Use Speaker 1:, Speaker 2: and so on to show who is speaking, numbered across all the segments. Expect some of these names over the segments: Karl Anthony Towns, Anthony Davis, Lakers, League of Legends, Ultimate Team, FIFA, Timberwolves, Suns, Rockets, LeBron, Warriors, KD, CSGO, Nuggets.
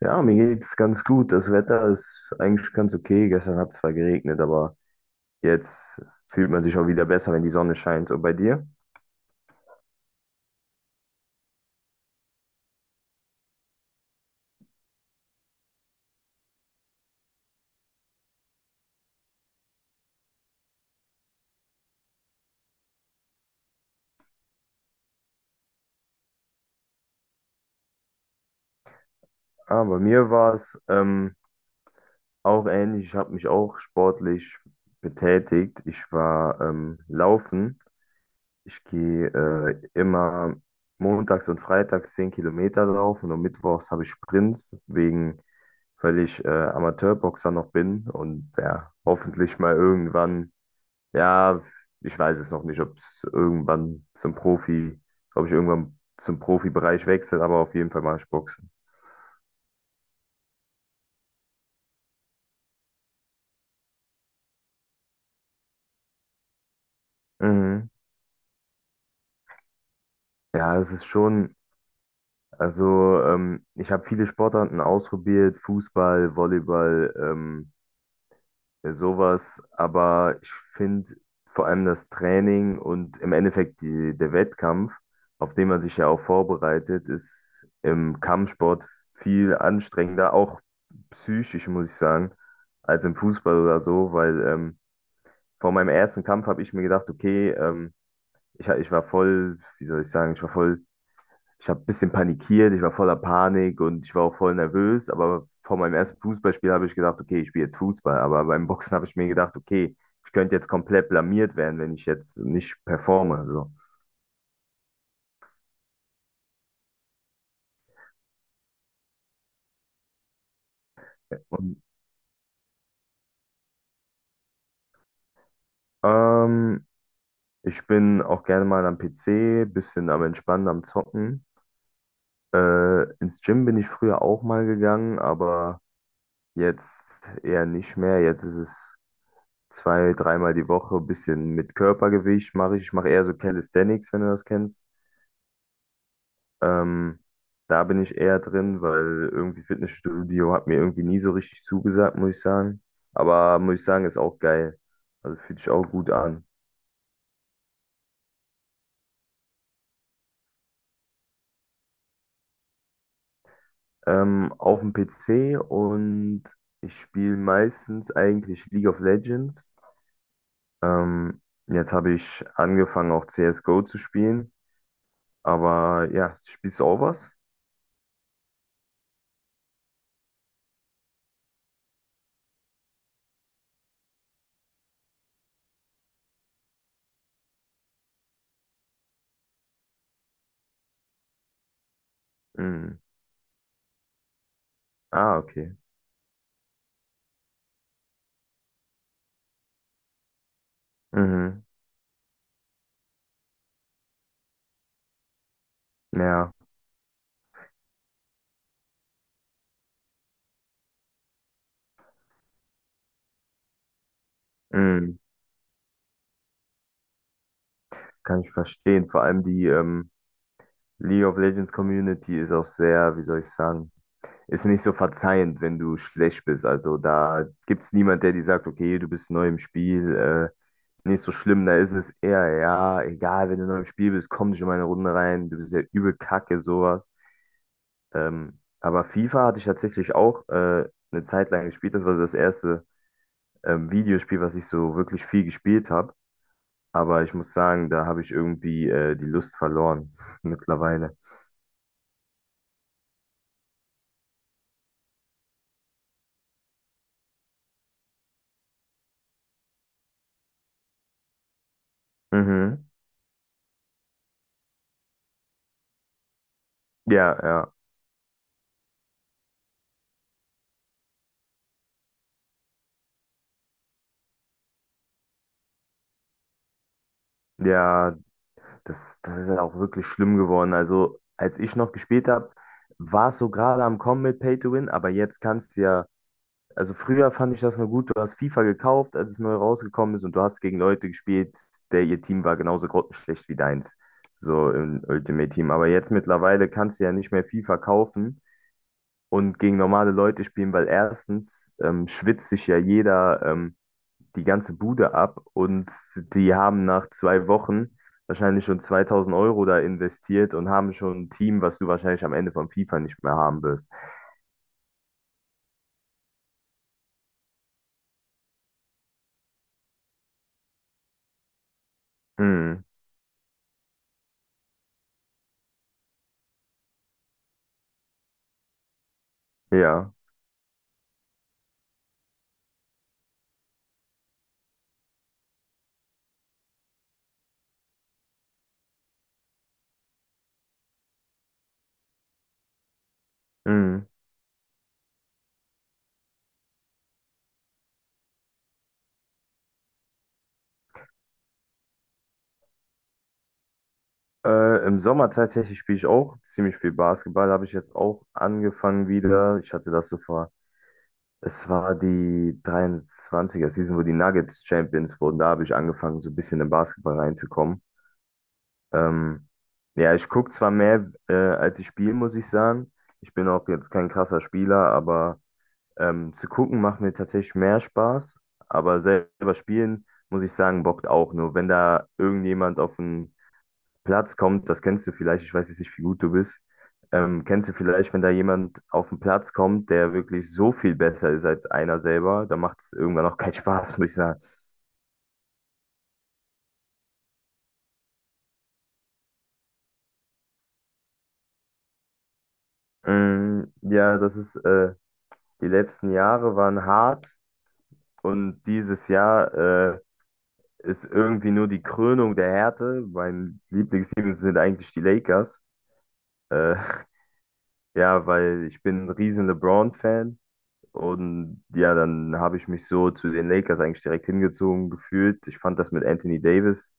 Speaker 1: Ja, mir geht's ganz gut. Das Wetter ist eigentlich ganz okay. Gestern hat es zwar geregnet, aber jetzt fühlt man sich auch wieder besser, wenn die Sonne scheint. Und bei dir? Ah, bei mir war es auch ähnlich. Ich habe mich auch sportlich betätigt. Ich war laufen. Ich gehe immer montags und freitags 10 Kilometer laufen, und mittwochs habe ich Sprints, weil ich Amateurboxer noch bin. Und ja, hoffentlich mal irgendwann, ja, ich weiß es noch nicht, ob ich irgendwann zum Profibereich wechsle, aber auf jeden Fall mache ich Boxen. Mhm. Ja, es ist schon, also ich habe viele Sportarten ausprobiert, Fußball, Volleyball, sowas, aber ich finde vor allem das Training und im Endeffekt der Wettkampf, auf den man sich ja auch vorbereitet, ist im Kampfsport viel anstrengender, auch psychisch, muss ich sagen, als im Fußball oder so, weil vor meinem ersten Kampf habe ich mir gedacht, okay, ich, ich war voll, wie soll ich sagen, ich war voll ich habe ein bisschen panikiert, ich war voller Panik und ich war auch voll nervös. Aber vor meinem ersten Fußballspiel habe ich gedacht, okay, ich spiele jetzt Fußball. Aber beim Boxen habe ich mir gedacht, okay, ich könnte jetzt komplett blamiert werden, wenn ich jetzt nicht performe, so. Und ähm, ich bin auch gerne mal am PC, bisschen am Entspannen, am Zocken. Ins Gym bin ich früher auch mal gegangen, aber jetzt eher nicht mehr. Jetzt ist es zwei, dreimal die Woche, bisschen mit Körpergewicht mache ich. Ich mache eher so Calisthenics, wenn du das kennst. Ähm, Da bin ich eher drin, weil irgendwie Fitnessstudio hat mir irgendwie nie so richtig zugesagt, muss ich sagen. Aber muss ich sagen, ist auch geil. Also fühlt sich auch gut an. Auf dem PC. Und ich spiele meistens eigentlich League of Legends. Ähm, Jetzt habe ich angefangen auch CSGO zu spielen. Aber ja, spielst du auch was? Mhm. Ah, okay. Mhm. Ja, mhm. Kann ich verstehen. Vor allem die, League of Legends Community ist auch sehr, wie soll ich sagen, ist nicht so verzeihend, wenn du schlecht bist. Also da gibt es niemand, der dir sagt, okay, du bist neu im Spiel, nicht so schlimm. Da ist es eher, ja, egal, wenn du neu im Spiel bist, komm nicht in meine Runde rein, du bist ja übel kacke, sowas. Aber FIFA hatte ich tatsächlich auch eine Zeit lang gespielt. Das war so das erste Videospiel, was ich so wirklich viel gespielt habe. Aber ich muss sagen, da habe ich irgendwie die Lust verloren mittlerweile. Mhm. Ja, ja. Ja, das ist ja auch wirklich schlimm geworden. Also, als ich noch gespielt habe, war es so gerade am Kommen mit Pay to Win, aber jetzt kannst du ja, also früher fand ich das nur gut, du hast FIFA gekauft, als es neu rausgekommen ist, und du hast gegen Leute gespielt, der ihr Team war genauso grottenschlecht wie deins, so im Ultimate Team. Aber jetzt mittlerweile kannst du ja nicht mehr FIFA kaufen und gegen normale Leute spielen, weil erstens schwitzt sich ja jeder. Die ganze Bude ab, und die haben nach 2 Wochen wahrscheinlich schon 2000 Euro da investiert und haben schon ein Team, was du wahrscheinlich am Ende von FIFA nicht mehr haben wirst. Hm, ja. Hm. Im Sommer tatsächlich spiele ich auch ziemlich viel Basketball. Habe ich jetzt auch angefangen wieder. Ich hatte das so vor. Es war die 23er-Season, wo die Nuggets Champions wurden. Da habe ich angefangen, so ein bisschen in Basketball reinzukommen. Ähm, ja, ich gucke zwar mehr, als ich spiele, muss ich sagen. Ich bin auch jetzt kein krasser Spieler, aber zu gucken macht mir tatsächlich mehr Spaß. Aber selber spielen, muss ich sagen, bockt auch. Nur wenn da irgendjemand auf den Platz kommt, das kennst du vielleicht, ich weiß jetzt nicht, wie gut du bist. Kennst du vielleicht, wenn da jemand auf den Platz kommt, der wirklich so viel besser ist als einer selber, dann macht es irgendwann auch keinen Spaß, muss ich sagen. Mm, ja, die letzten Jahre waren hart. Und dieses Jahr ist irgendwie nur die Krönung der Härte. Mein Lieblingsteam sind eigentlich die Lakers. Äh, ja, weil ich bin ein riesen LeBron-Fan. Und ja, dann habe ich mich so zu den Lakers eigentlich direkt hingezogen gefühlt. Ich fand das mit Anthony Davis.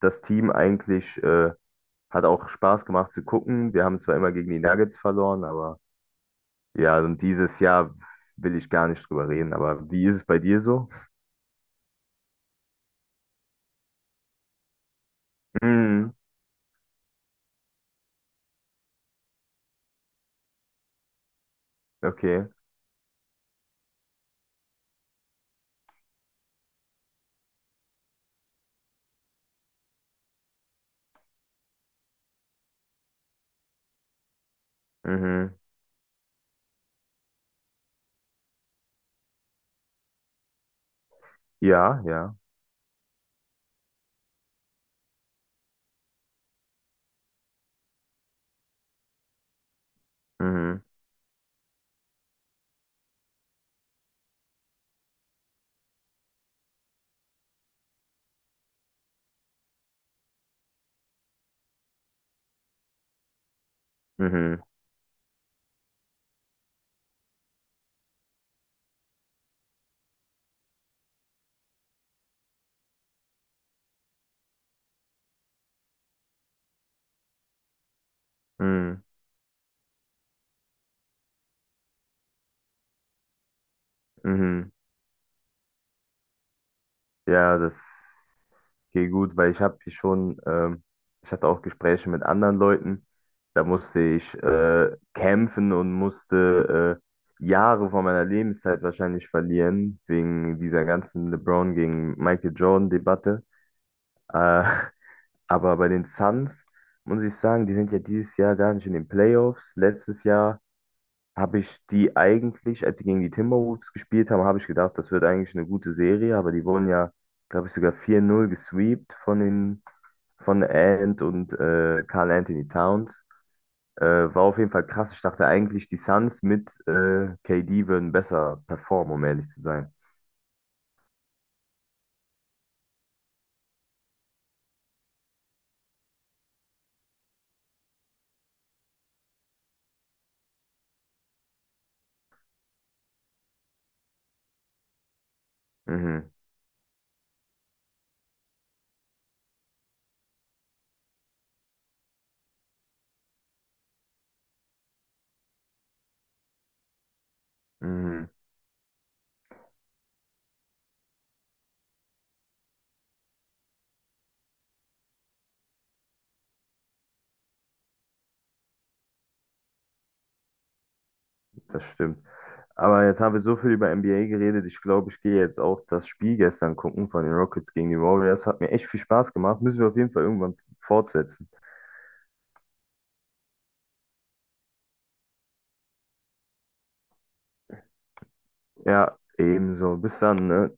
Speaker 1: Das Team eigentlich hat auch Spaß gemacht zu gucken. Wir haben zwar immer gegen die Nuggets verloren, aber ja, und dieses Jahr will ich gar nicht drüber reden. Aber wie ist es bei dir so? Mm, okay. Mhm. Ja, ja. Mhm, mhm, mhm, mhm. Ja, das geht gut, weil ich habe hier schon, ich hatte auch Gespräche mit anderen Leuten. Da musste ich kämpfen und musste Jahre von meiner Lebenszeit wahrscheinlich verlieren, wegen dieser ganzen LeBron gegen Michael Jordan-Debatte. Äh, aber bei den Suns muss ich sagen, die sind ja dieses Jahr gar nicht in den Playoffs. Letztes Jahr habe ich die eigentlich, als sie gegen die Timberwolves gespielt haben, habe ich gedacht, das wird eigentlich eine gute Serie, aber die wurden ja, glaube ich, sogar 4-0 gesweept von den von Ant und Karl Anthony Towns. Äh, War auf jeden Fall krass. Ich dachte eigentlich, die Suns mit KD würden besser performen, um ehrlich zu sein. Mhm, mhm, das stimmt. Aber jetzt haben wir so viel über NBA geredet. Ich glaube, ich gehe jetzt auch das Spiel gestern gucken von den Rockets gegen die Warriors. Hat mir echt viel Spaß gemacht. Müssen wir auf jeden Fall irgendwann fortsetzen. Ja, ebenso. Bis dann, ne?